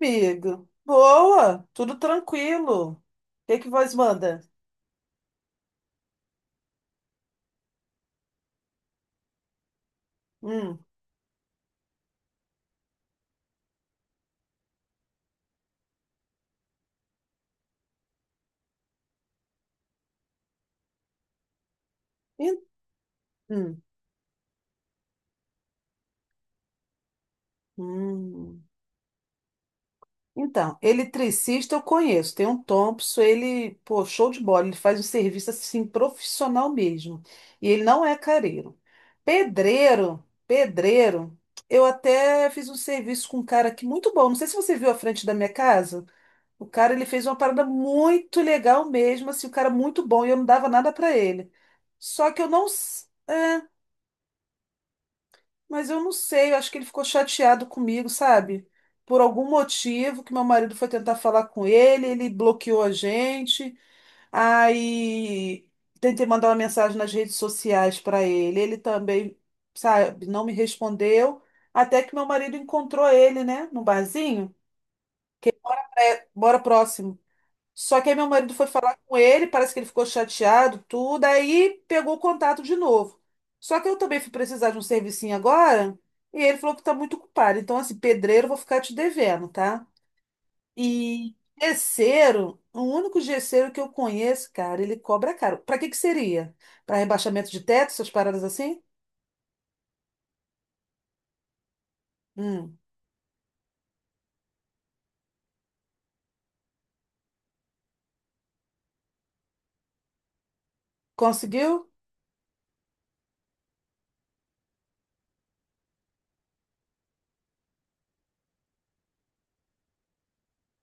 Amigo. Boa, tudo tranquilo. O que que vós manda? Hum. en- hum. Hum. Então, eletricista eu conheço, tem um Thompson, ele, pô, show de bola, ele faz um serviço assim profissional mesmo. E ele não é careiro. Pedreiro, pedreiro, eu até fiz um serviço com um cara aqui muito bom. Não sei se você viu a frente da minha casa. O cara, ele fez uma parada muito legal mesmo, assim, o cara muito bom, e eu não dava nada pra ele. Só que eu não. É, mas eu não sei, eu acho que ele ficou chateado comigo, sabe? Por algum motivo que meu marido foi tentar falar com ele, ele bloqueou a gente, aí tentei mandar uma mensagem nas redes sociais pra ele, ele também, sabe, não me respondeu, até que meu marido encontrou ele, né, no barzinho. Bora próximo. Só que aí meu marido foi falar com ele, parece que ele ficou chateado, tudo, aí pegou o contato de novo. Só que eu também fui precisar de um servicinho agora, e ele falou que tá muito ocupado. Então, assim, pedreiro, eu vou ficar te devendo, tá? E gesseiro, o único gesseiro que eu conheço, cara, ele cobra caro. Pra que que seria? Pra rebaixamento de teto, essas paradas assim? Hum. Conseguiu?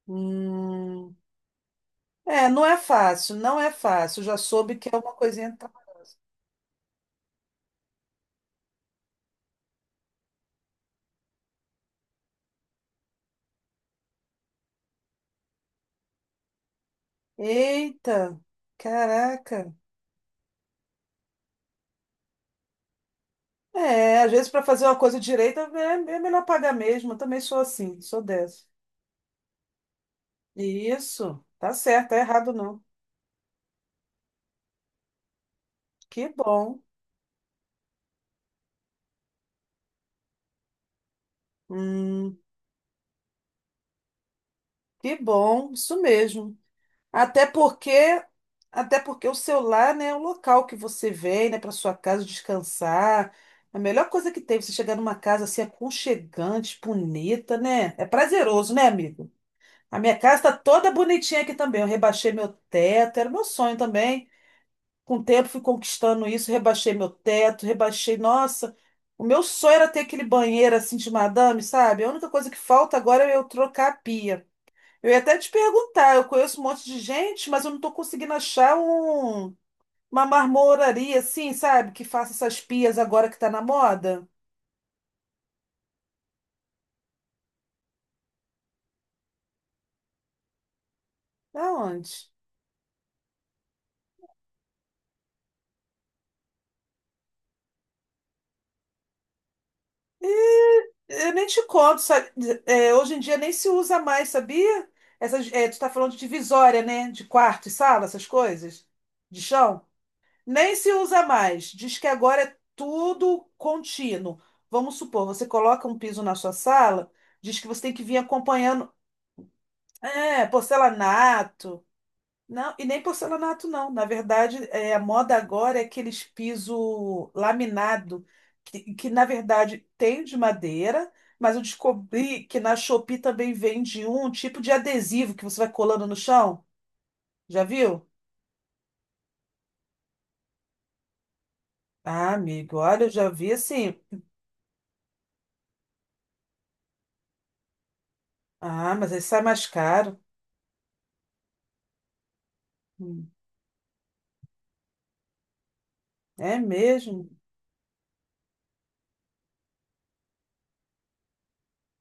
Hum. É, não é fácil, não é fácil. Já soube que é uma coisinha trabalhosa. Eita, caraca. É, às vezes para fazer uma coisa direita é, é melhor pagar mesmo. Eu também sou assim, sou dessa. Isso, tá certo, tá errado não. Que bom. Hum, que bom, isso mesmo. Até porque, até porque o seu lar, né, é o local que você vem, né, para sua casa descansar. A melhor coisa que tem, você chegar numa casa assim aconchegante, bonita, né? É prazeroso, né, amigo? A minha casa está toda bonitinha aqui também. Eu rebaixei meu teto, era meu sonho também. Com o tempo fui conquistando isso, rebaixei meu teto, rebaixei. Nossa, o meu sonho era ter aquele banheiro assim de madame, sabe? A única coisa que falta agora é eu trocar a pia. Eu ia até te perguntar, eu conheço um monte de gente, mas eu não estou conseguindo achar um, uma marmoraria assim, sabe? Que faça essas pias agora que tá na moda. Aonde? Eu nem te conto, sabe? É, hoje em dia nem se usa mais, sabia? Essas, é, tu tá falando de divisória, né? De quarto e sala, essas coisas, de chão. Nem se usa mais. Diz que agora é tudo contínuo. Vamos supor, você coloca um piso na sua sala, diz que você tem que vir acompanhando, é, porcelanato, não, e nem porcelanato, não. Na verdade, é, a moda agora é aqueles piso laminado, que na verdade tem de madeira, mas eu descobri que na Shopee também vende um tipo de adesivo que você vai colando no chão. Já viu? Ah, amigo, olha, eu já vi assim. Ah, mas aí sai mais caro. Hum, É mesmo?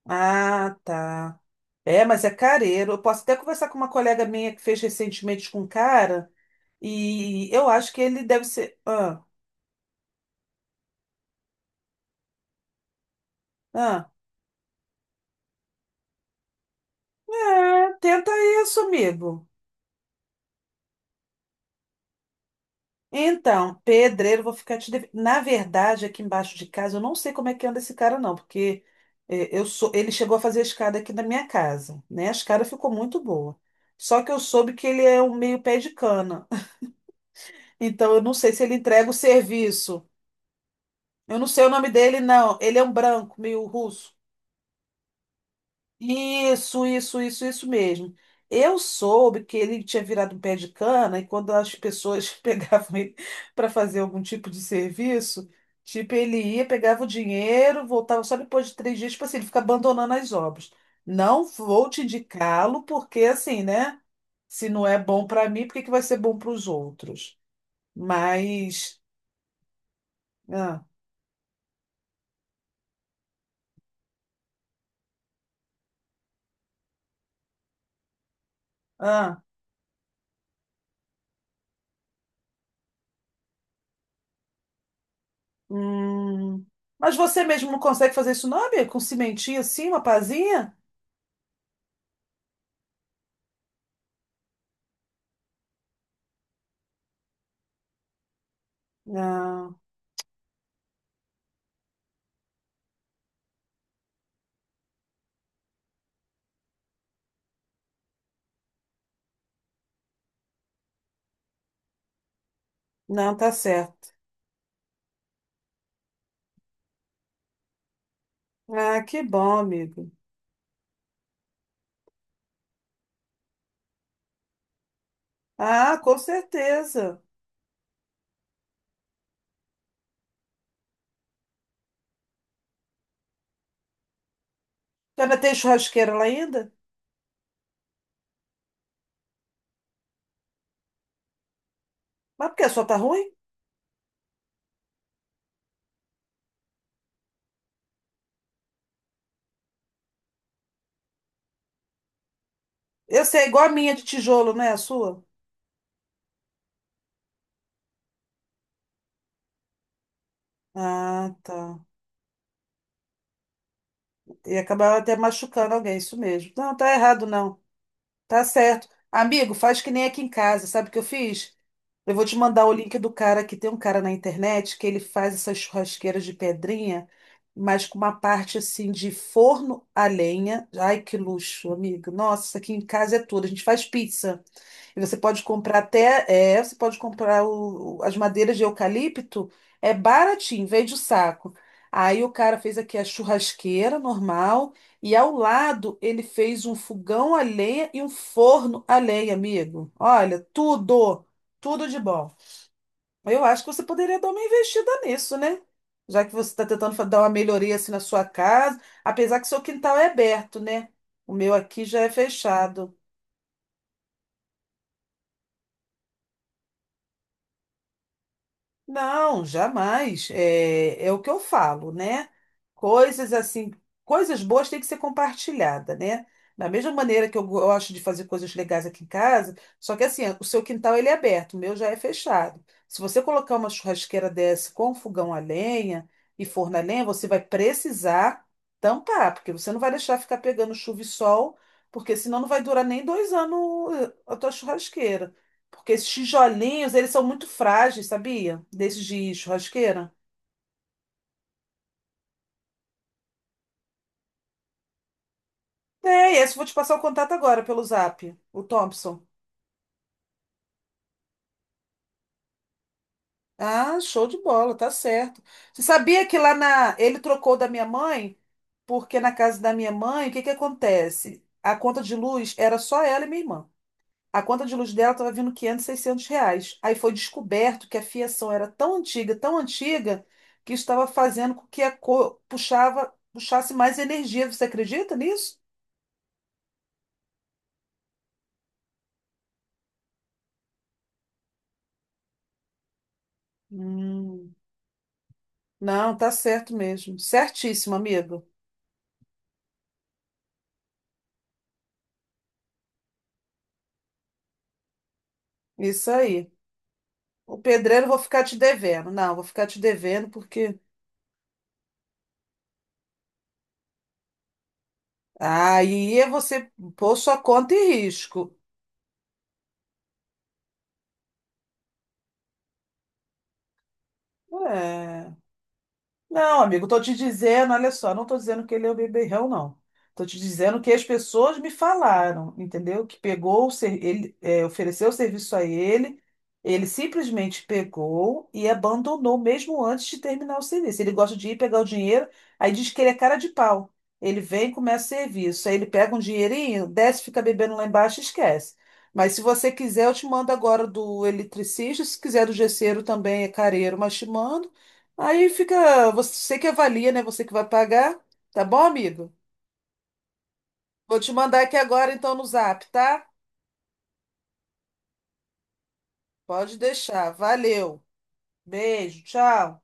Ah, tá. É, mas é careiro. Eu posso até conversar com uma colega minha que fez recentemente com um cara, e eu acho que ele deve ser. Ah. Ah, é, tenta isso, amigo. Então, pedreiro, vou ficar te devendo. Na verdade, aqui embaixo de casa, eu não sei como é que anda esse cara, não, porque eu sou. Ele chegou a fazer a escada aqui na minha casa, né? A escada ficou muito boa. Só que eu soube que ele é um meio pé de cana. Então, eu não sei se ele entrega o serviço. Eu não sei o nome dele, não. Ele é um branco, meio russo. Isso mesmo. Eu soube que ele tinha virado um pé de cana e quando as pessoas pegavam ele para fazer algum tipo de serviço, tipo, ele ia, pegava o dinheiro, voltava só depois de 3 dias, tipo assim, ele fica abandonando as obras. Não vou te indicá-lo, porque assim, né? Se não é bom para mim, por que que vai ser bom para os outros? Mas. Ah, ah, hum. Mas você mesmo não consegue fazer isso, não, amigo? Com cimentinho assim, uma pazinha? Não, tá certo. Ah, que bom, amigo. Ah, com certeza. Já vai ter churrasqueira lá ainda? Mas por que a sua tá ruim? Eu sei, é igual a minha de tijolo, não é a sua? Ah, tá. E acabar até machucando alguém, isso mesmo. Não, tá errado, não. Tá certo. Amigo, faz que nem aqui em casa, sabe o que eu fiz? Eu vou te mandar o link do cara que tem um cara na internet que ele faz essas churrasqueiras de pedrinha, mas com uma parte assim de forno a lenha. Ai, que luxo, amigo. Nossa, aqui em casa é tudo. A gente faz pizza. E você pode comprar até, é, você pode comprar as madeiras de eucalipto, é baratinho, vende o saco. Aí o cara fez aqui a churrasqueira normal, e ao lado ele fez um fogão a lenha e um forno a lenha, amigo. Olha, tudo, tudo de bom. Eu acho que você poderia dar uma investida nisso, né? Já que você está tentando dar uma melhoria assim na sua casa, apesar que seu quintal é aberto, né? O meu aqui já é fechado. Não, jamais. É, é o que eu falo, né? Coisas assim, coisas boas têm que ser compartilhada, né? Da mesma maneira que eu gosto de fazer coisas legais aqui em casa, só que assim, o seu quintal ele é aberto, o meu já é fechado. Se você colocar uma churrasqueira dessa com fogão a lenha e forno a lenha, você vai precisar tampar, porque você não vai deixar ficar pegando chuva e sol, porque senão não vai durar nem 2 anos, a tua churrasqueira. Porque esses tijolinhos, eles são muito frágeis, sabia? Desses de churrasqueira. É, e esse eu vou te passar o contato agora pelo Zap, o Thompson. Ah, show de bola, tá certo. Você sabia que lá na. Ele trocou da minha mãe? Porque na casa da minha mãe, o que que acontece? A conta de luz era só ela e minha irmã. A conta de luz dela estava vindo 500, R$ 600. Aí foi descoberto que a fiação era tão antiga, que estava fazendo com que a cor puxava, puxasse mais energia. Você acredita nisso? Hum, não, tá certo mesmo. Certíssimo, amigo. Isso aí. O pedreiro eu vou ficar te devendo. Não, vou ficar te devendo porque aí é você pôr sua conta em risco. É. Não, amigo, tô te dizendo, olha só, não tô dizendo que ele é o beberrão, não. Tô te dizendo que as pessoas me falaram, entendeu? Que pegou, ele é, ofereceu o serviço a ele, ele simplesmente pegou e abandonou mesmo antes de terminar o serviço. Ele gosta de ir pegar o dinheiro, aí diz que ele é cara de pau. Ele vem e começa o serviço, aí ele pega um dinheirinho, desce, fica bebendo lá embaixo e esquece. Mas se você quiser, eu te mando agora do eletricista, se quiser do gesseiro também é careiro, mas te mando. Aí fica você que avalia, né? Você que vai pagar. Tá bom, amigo? Vou te mandar aqui agora, então, no Zap, tá? Pode deixar. Valeu. Beijo, tchau.